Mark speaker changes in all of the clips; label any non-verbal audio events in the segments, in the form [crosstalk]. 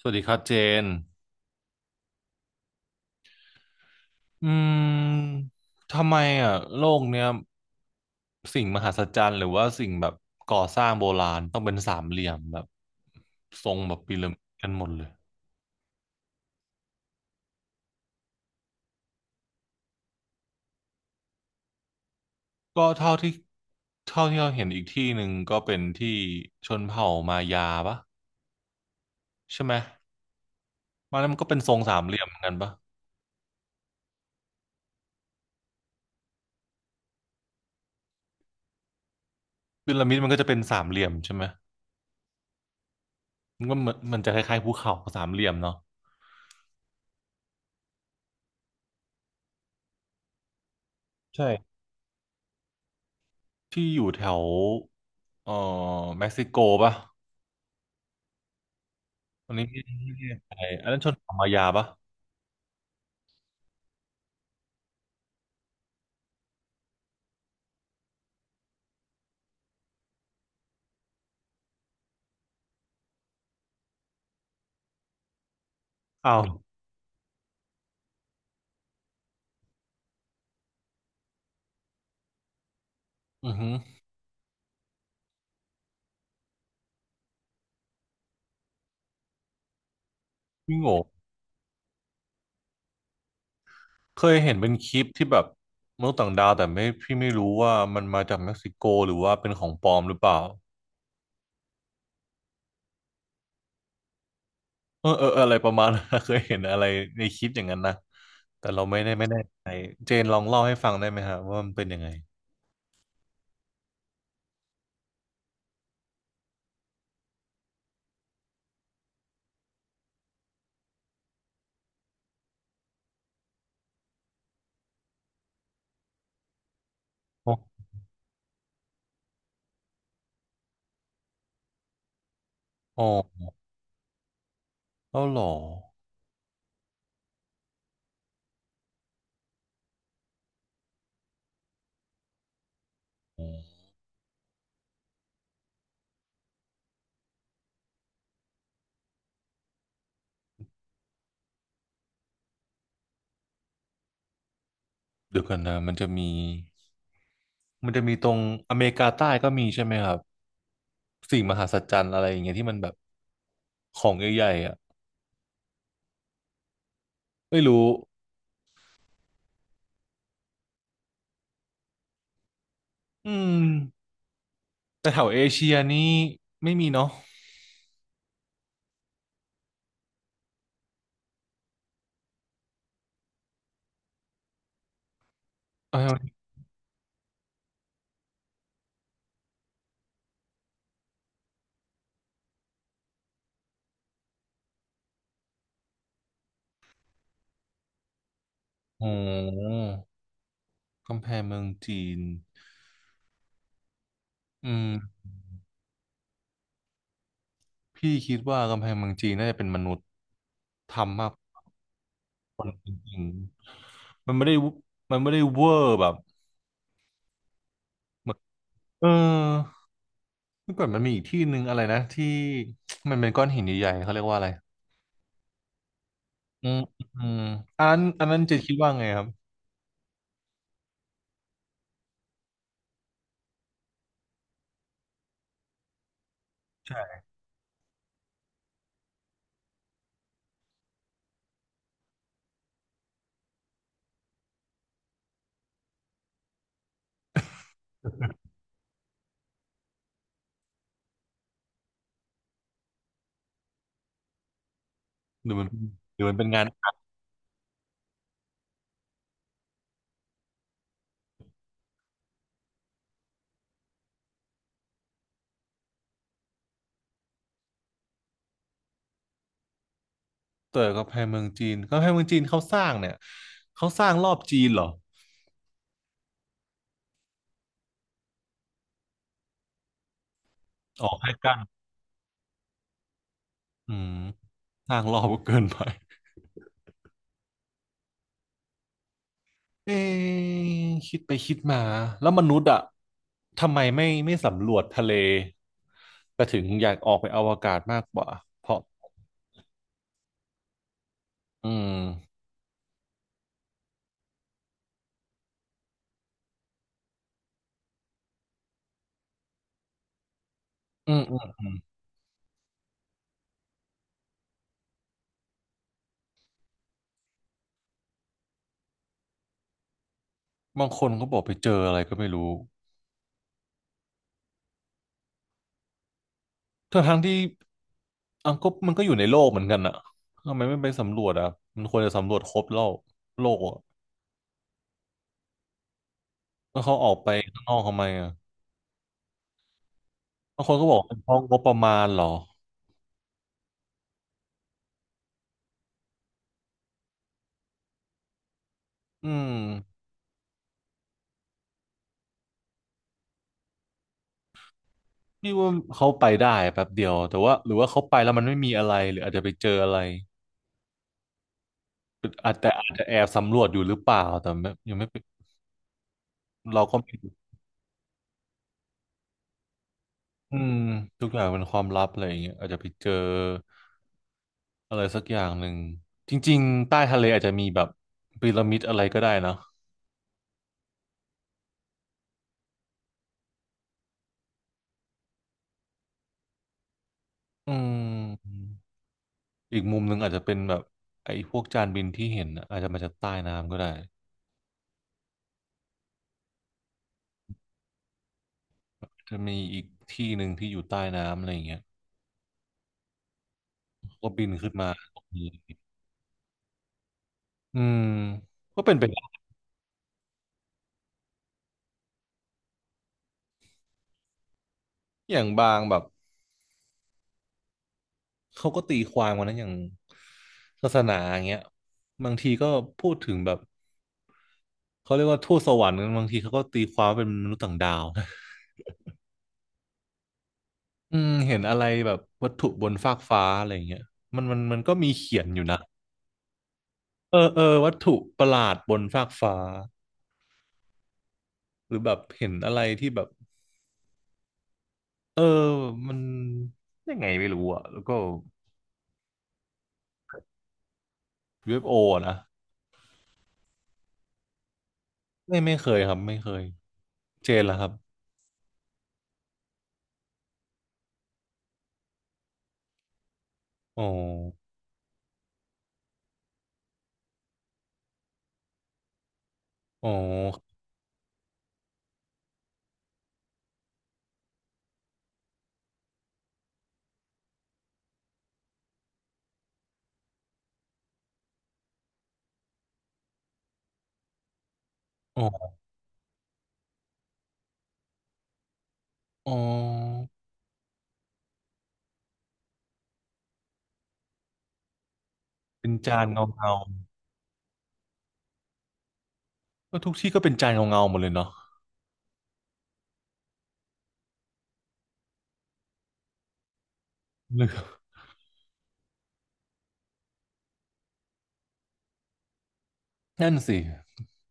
Speaker 1: สวัสดีครับเจนอืมทำไมอ่ะโลกเนี้ยสิ่งมหัศจรรย์หรือว่าสิ่งแบบก่อสร้างโบราณต้องเป็นสามเหลี่ยมแบบทรงแบบพีระมิดกันหมดเลยก็เท่าที่เราเห็นอีกที่หนึ่งก็เป็นที่ชนเผ่ามายาปะใช่ไหมมันนั้นมันก็เป็นทรงสามเหลี่ยมเหมือนกันปะพีระมิดมันก็จะเป็นสามเหลี่ยมใช่ไหมมันก็เหมือนมันจะคล้ายๆภูเขาสามเหลี่ยมเนาะใช่ที่อยู่แถวเอ่อเม็กซิโกปะ ตันนี้ไม่แน่ใจอันนั้นชนเผ่ามายาปะอ้าวอือหือพี่โง่เคยเห็นเป็นคลิปที่แบบมนุษย์ต่างดาวแต่ไม่พี่ไม่รู้ว่ามันมาจากเม็กซิโกหรือว่าเป็นของปลอมหรือเปล่าเออเออเอออะไรประมาณนั้น [laughs] เคยเห็นอะไรในคลิปอย่างนั้นนะแต่เราไม่ได้ไม่แน่ใจเจนลองเล่าให้ฟังได้ไหมฮะว่ามันเป็นยังไงอ๋ออ๋อเล่าหรออ๋อเดี๋ยวกันนะมันจะมี มันจะมีตรงอเมริกาใต้ก็มีใช่ไหมครับสิ่งมหัศจรรย์อะไรอย่างเงี้ยที่มันแบบของใหญ่ๆอ่ะไม่รู้อืมแต่แถวเอเชียนี่ไม่มีเนาะเอาให้มันโอ้กำแพงเมืองจีนอืมพี่คิดว่ากำแพงเมืองจีนน่าจะเป็นมนุษย์ทำมากจริงมันไม่ได้วุมันไม่ได้เวอร์แบบเหมือนเออเมื่อก่อนมันมีอีกที่หนึ่งอะไรนะที่ [tsk] มันเป็นก้อนหินใหญ่ๆเขาเรียกว่าอะไร อืมอืมอันอันนั้นจะคิดว่าไงครับหรือมันหรือมันเป็นงานเต๋ร์กำแพงเมืองจีนกำแพงเมืองจีนเขาสร้างเนี่ยเขาสร้างรอบจีนเหรอออกให้กั้นอืมสร้างรอบก็เกินไปเอ๊ะคิดไปคิดมาแล้วมนุษย์อะทำไมไม่ไม่สำรวจทะเลแต่ถึงอยากออกไปอวกาศมากกว่าเพราะอืมอืมอืมบางคนก็บอกไปเจออะไรก็ไม่รู้ ทั้งทั้งที่อังก็มันก็อยู่ในโลกเหมือนกันอะทำไมไม่ไปสำรวจอะมันควรจะสำรวจครบโลกโลกอะแล้วเขาออกไปข้างนอกทำไมอะบางคนก็บอกเป็นเพราะงบประมาณเหรออืมพี่ว่าเขาไปได้แป๊บเดียวแต่ว่าหรือว่าเขาไปแล้วมันไม่มีอะไรหรืออาจจะไปเจออะไรอาจแต่อาจจะแอบสำรวจอยู่หรือเปล่าแต่ไม่ยังไม่ไปเราก็ไม่รู้อืมทุกอย่างเป็นความลับอะไรอย่างเงี้ยอาจจะไปเจออะไรสักอย่างหนึ่งจริงๆใต้ทะเลอาจจะมีแบบพีระมิดอะไรก็ได้นะ อืมอีกมุมหนึ่งอาจจะเป็นแบบไอ้พวกจานบินที่เห็นน่ะอาจจะมาจากใต้น้ำก็ได้จะมีอีกที่หนึ่งที่อยู่ใต้น้ำอะไรอย่างเงี้ยเขาก็บินขึ้นมาตรงนี้อืมก็เป็นไปได้อย่างบางแบบเขาก็ตีความกันนะอย่างศาสนาอย่างเงี้ยบางทีก็พูดถึงแบบเขาเรียกว่าทูตสวรรค์กันบางทีเขาก็ตีความว่าเป็นมนุษย์ต่างดาว [laughs] นะอืมเห็นอะไรแบบวัตถุบนฟากฟ้าอะไรอย่างเงี้ยมันก็มีเขียนอยู่นะเออเออวัตถุประหลาดบนฟากฟ้า หรือแบบเห็นอะไรที่แบบเออมันยังไงไม่รู้อ่ะแล้วก็ UFO อฟโออะนะไม่ไม่เคยครับไม่เคยเจนแล้วครับอ๋ออ๋ออ๋ออ๋อเป็นจานเงาเงาก็ทุกที่ก็เป็นจานเงาเงาหมดเลยเนาะ [laughs] หรือนั่นสิ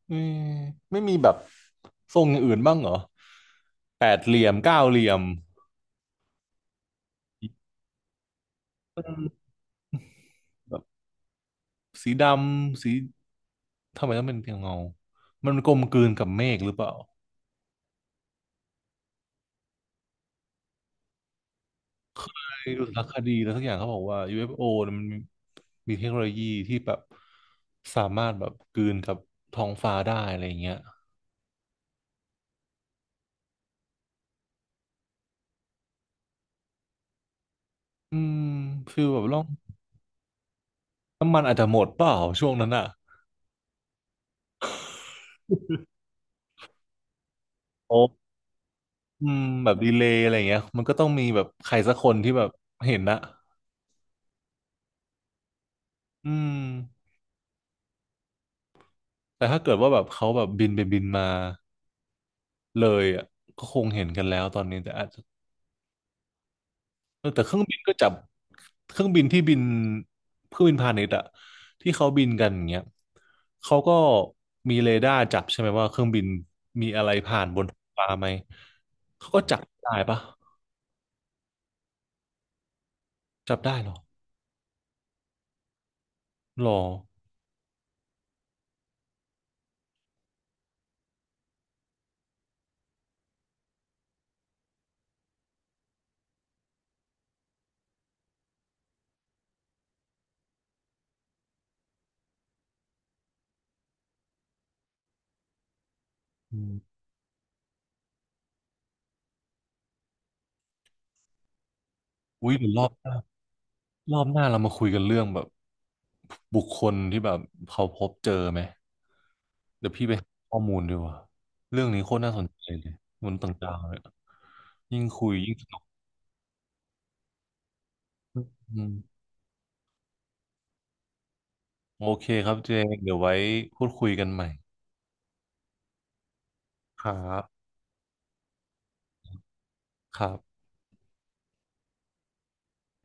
Speaker 1: ไม่ไม่มีแบบทรงอย่างอื่นบ้างเหรอแปดเหลี่ยมเก้าเหลี่ยมเออแบบสีดำสีทำไมต้องเป็นเพียงเงามันกลมกลืนกับเมฆหรือเปล่า ไปดูสารคดีแล้วสักอย่างเขาบอกว่า UFO เอฟโอเนี่ยมันมีมีเทคโนโลยีที่แบบสามารถแบบกลืนกับท้องฟ้าได้อะไรอย่างเงี้ยอืมฟีลแบบล่องน้ำมันอาจจะหมดเปล่าช่วงนั้นอ่ะโอ้อืมแบบดีเลย์อะไรอย่างเงี้ยมันก็ต้องมีแบบใครสักคนที่แบบเห็นนะอืมแต่ถ้าเกิดว่าแบบเขาแบบบินไปบินมาเลยอ่ะก็คงเห็นกันแล้วตอนนี้แต่อาจจะ เออแต่เครื่องบินก็จับเครื่องบินที่บินเครื่องบินพาณิชย์อะที่เขาบินกันอย่างเงี้ยเขาก็มีเรดาร์จับใช่ไหมว่าเครื่องบินมีอะไรผ่านบนท้องฟ้าไหมเขาก็จับได้ปะจับได้เหรอหรออืมอุ้ยเดี๋ยวรอบหน้ารอบหน้าเรามาคุยกันเรื่องแบบบุคคลที่แบบเขาพบเจอไหมเดี๋ยวพี่ไปหาข้อมูลดีกว่าเรื่องนี้โคตรน่าสนใจเลยมนุษย์ต่างดาวเนี่ยยิ่งคุยยิ่งสนุกอืม โอเคครับเจงเดี๋ยวไว้พูดคุยกันใหม่ครับครับ